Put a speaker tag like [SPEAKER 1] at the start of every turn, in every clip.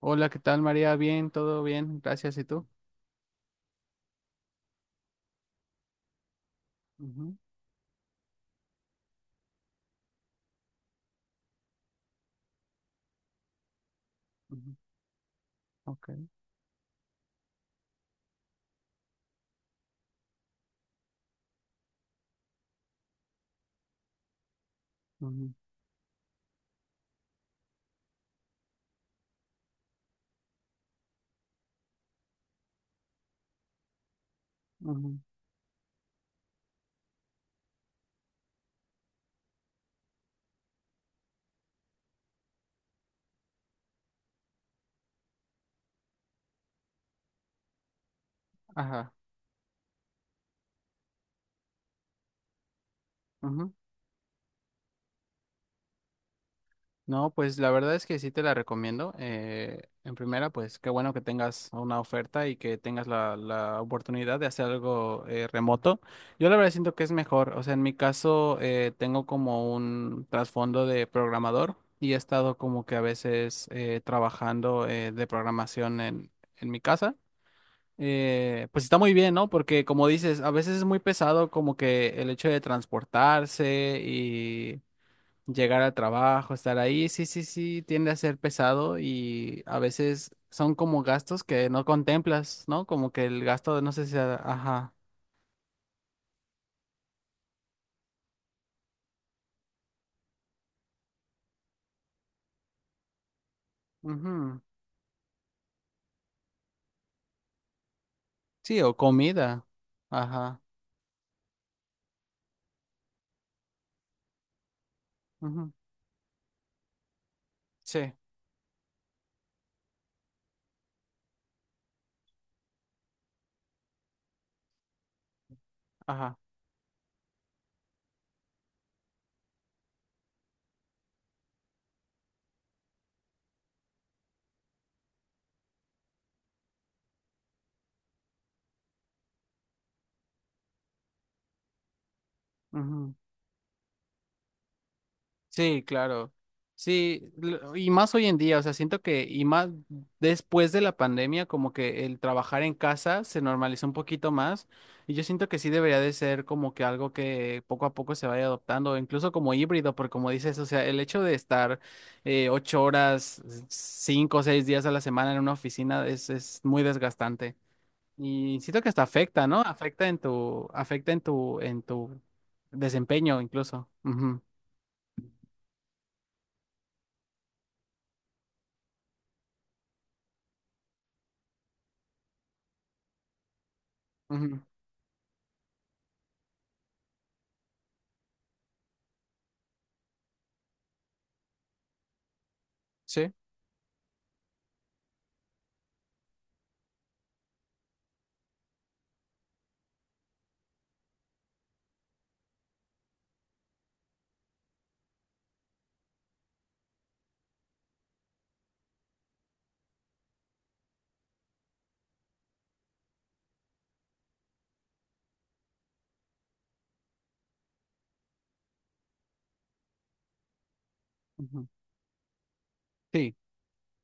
[SPEAKER 1] Hola, ¿qué tal, María? Bien, todo bien, gracias. ¿Y tú? Ujú, ujú, ok, ujú, ujú, ajá, ujú. No, pues la verdad es que sí te la recomiendo. En primera, pues qué bueno que tengas una oferta y que tengas la oportunidad de hacer algo remoto. Yo la verdad siento que es mejor. O sea, en mi caso tengo como un trasfondo de programador y he estado como que a veces trabajando de programación en mi casa. Pues está muy bien, ¿no? Porque como dices, a veces es muy pesado como que el hecho de transportarse y llegar al trabajo, estar ahí, sí, sí, sí, tiende a ser pesado y a veces son como gastos que no contemplas, ¿no? Como que el gasto de, no sé si, ajá, ujú, sí, o comida, ajá, ujú, sí, ajá, ujú. Sí, claro. Sí, y más hoy en día, o sea, siento que, y más después de la pandemia, como que el trabajar en casa se normalizó un poquito más, y yo siento que sí debería de ser como que algo que poco a poco se vaya adoptando, incluso como híbrido, porque como dices, o sea, el hecho de estar ocho horas, cinco o seis días a la semana en una oficina es muy desgastante. Y siento que hasta afecta, ¿no? Afecta en tu desempeño incluso. Ujú, ujú. Sí. Ujú. Sí,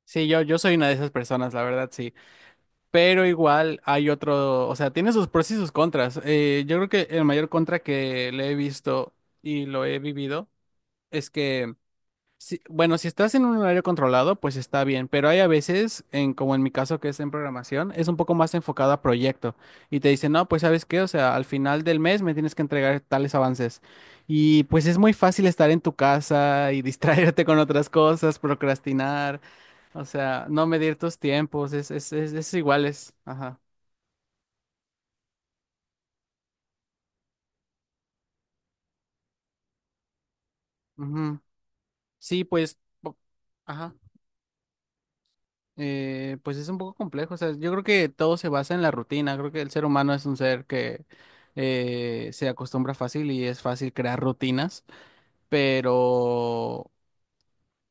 [SPEAKER 1] sí, yo soy una de esas personas, la verdad, sí. Pero igual hay otro, o sea, tiene sus pros y sus contras. Yo creo que el mayor contra que le he visto y lo he vivido es que, bueno, si estás en un horario controlado, pues está bien, pero hay a veces, en, como en mi caso que es en programación, es un poco más enfocado a proyecto y te dicen, no, pues sabes qué, o sea, al final del mes me tienes que entregar tales avances. Y pues es muy fácil estar en tu casa y distraerte con otras cosas, procrastinar. O sea, no medir tus tiempos, es iguales. Ajá. Ujú. Sí, pues, ajá. Pues es un poco complejo. O sea, yo creo que todo se basa en la rutina. Creo que el ser humano es un ser que se acostumbra fácil y es fácil crear rutinas. Pero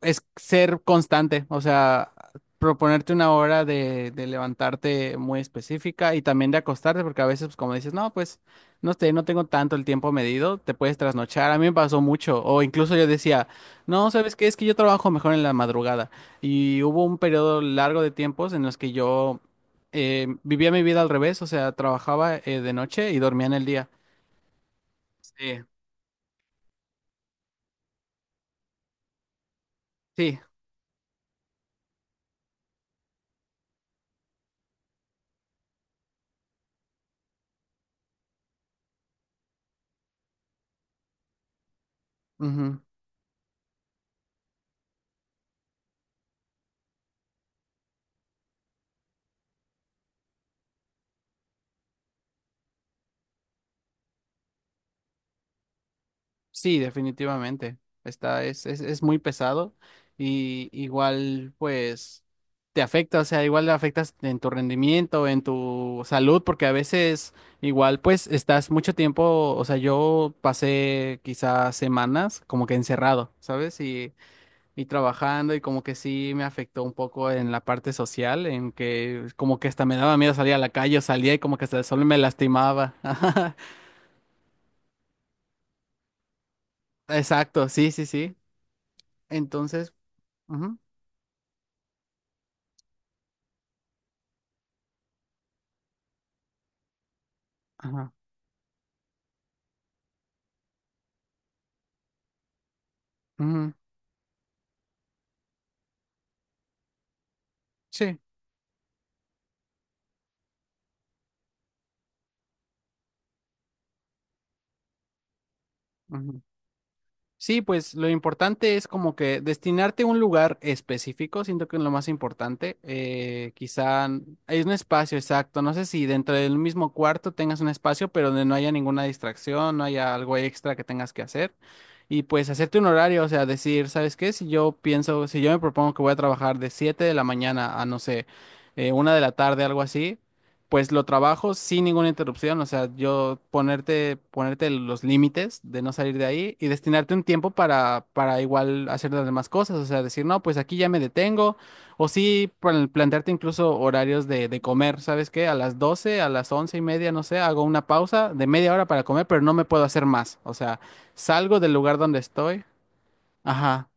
[SPEAKER 1] es ser constante, o sea, proponerte una hora de levantarte muy específica y también de acostarte, porque a veces, pues, como dices, no, pues, no sé, no tengo tanto el tiempo medido, te puedes trasnochar, a mí me pasó mucho, o incluso yo decía, no, ¿sabes qué? Es que yo trabajo mejor en la madrugada, y hubo un periodo largo de tiempos en los que yo vivía mi vida al revés, o sea, trabajaba de noche y dormía en el día. Sí. Sí. Ujú. Sí, definitivamente. Está, es muy pesado y igual pues te afecta, o sea, igual afectas en tu rendimiento, en tu salud, porque a veces igual pues estás mucho tiempo, o sea, yo pasé quizás semanas como que encerrado, ¿sabes? Y trabajando y como que sí me afectó un poco en la parte social, en que como que hasta me daba miedo salir a la calle, o salía y como que hasta el sol me lastimaba. Exacto, sí, sí, sí. Entonces... ujú. Ajá. Ujú. Sí. Ujú. Sí, pues lo importante es como que destinarte a un lugar específico, siento que es lo más importante. Quizá hay un espacio exacto, no sé si dentro del mismo cuarto tengas un espacio, pero donde no haya ninguna distracción, no haya algo extra que tengas que hacer. Y pues hacerte un horario, o sea, decir, ¿sabes qué? Si yo pienso, si yo me propongo que voy a trabajar de 7 de la mañana a, no sé, 1 de la tarde, algo así. Pues lo trabajo sin ninguna interrupción, o sea, yo ponerte, ponerte los límites de no salir de ahí y destinarte un tiempo para igual hacer las demás cosas, o sea, decir, no, pues aquí ya me detengo, o sí, plantearte incluso horarios de comer, ¿sabes qué? A las 12, a las once y media, no sé, hago una pausa de media hora para comer, pero no me puedo hacer más, o sea, salgo del lugar donde estoy, ajá,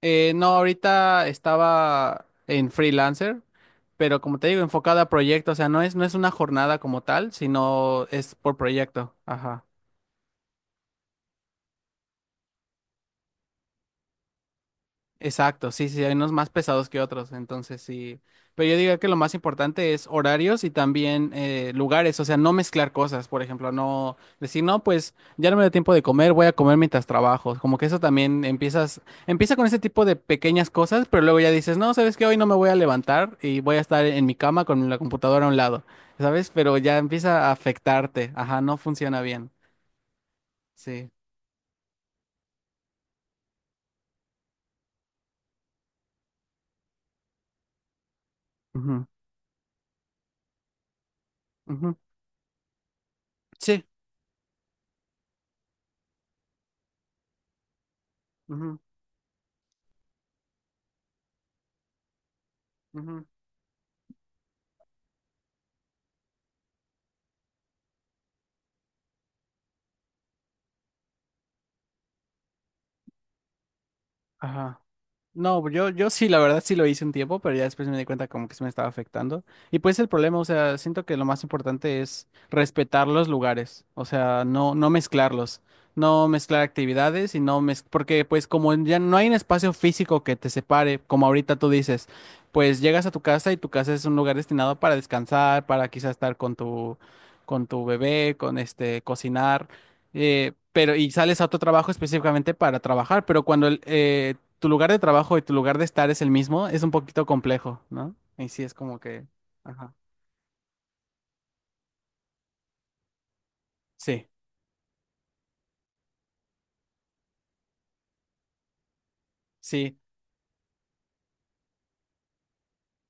[SPEAKER 1] No, ahorita estaba en freelancer, pero como te digo, enfocada a proyecto, o sea, no es, no es una jornada como tal, sino es por proyecto. Ajá. Exacto, sí, sí, hay unos más pesados que otros, entonces sí. Pero yo diría que lo más importante es horarios y también lugares, o sea, no mezclar cosas, por ejemplo, no decir, no, pues ya no me da tiempo de comer, voy a comer mientras trabajo. Como que eso también empiezas, empieza con ese tipo de pequeñas cosas, pero luego ya dices, no, sabes que hoy no me voy a levantar y voy a estar en mi cama con la computadora a un lado, ¿sabes? Pero ya empieza a afectarte, ajá, no funciona bien. Sí. Ujú, ujú. Sí. Ujú, ujú. Ajá. No, pues, yo sí, la verdad sí lo hice un tiempo, pero ya después me di cuenta como que se me estaba afectando. Y pues el problema, o sea, siento que lo más importante es respetar los lugares, o sea, no, no mezclarlos, no mezclar actividades y no mez... porque pues como ya no hay un espacio físico que te separe, como ahorita tú dices, pues llegas a tu casa y tu casa es un lugar destinado para descansar, para quizás estar con tu bebé, con este, cocinar. Pero y sales a otro trabajo específicamente para trabajar, pero cuando el, tu lugar de trabajo y tu lugar de estar es el mismo, es un poquito complejo, ¿no? Y sí, es como que, ajá, sí, sí.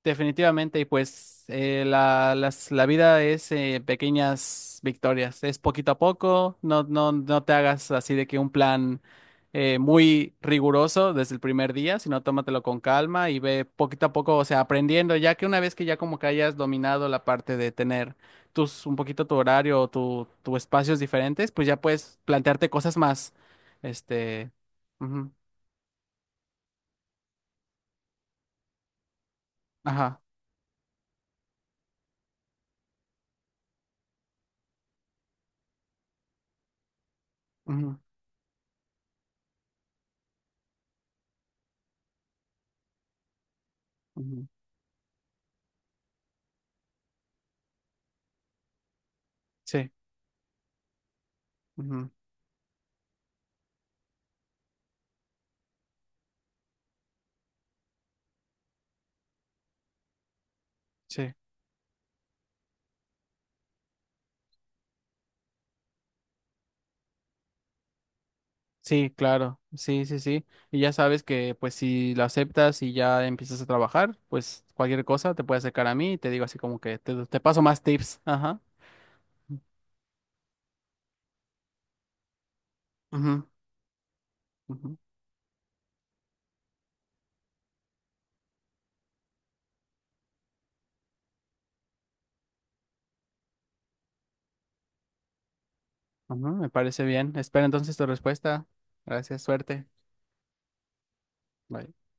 [SPEAKER 1] Definitivamente, y pues la, la vida es pequeñas victorias, es poquito a poco, no, no, no te hagas así de que un plan muy riguroso desde el primer día, sino tómatelo con calma y ve poquito a poco, o sea, aprendiendo, ya que una vez que ya como que hayas dominado la parte de tener tus, un poquito tu horario o tu espacios diferentes, pues ya puedes plantearte cosas más, este, ujú, ajá, ujú, ujú, sí, ujú, sí. Sí, claro, sí, sí, sí. Y ya sabes que pues si lo aceptas y ya empiezas a trabajar, pues cualquier cosa te puede acercar a mí y te digo así como que te paso más tips. Ajá. Ujú, ujú, ujú, me parece bien. Espera entonces tu respuesta. Gracias, suerte. Bye.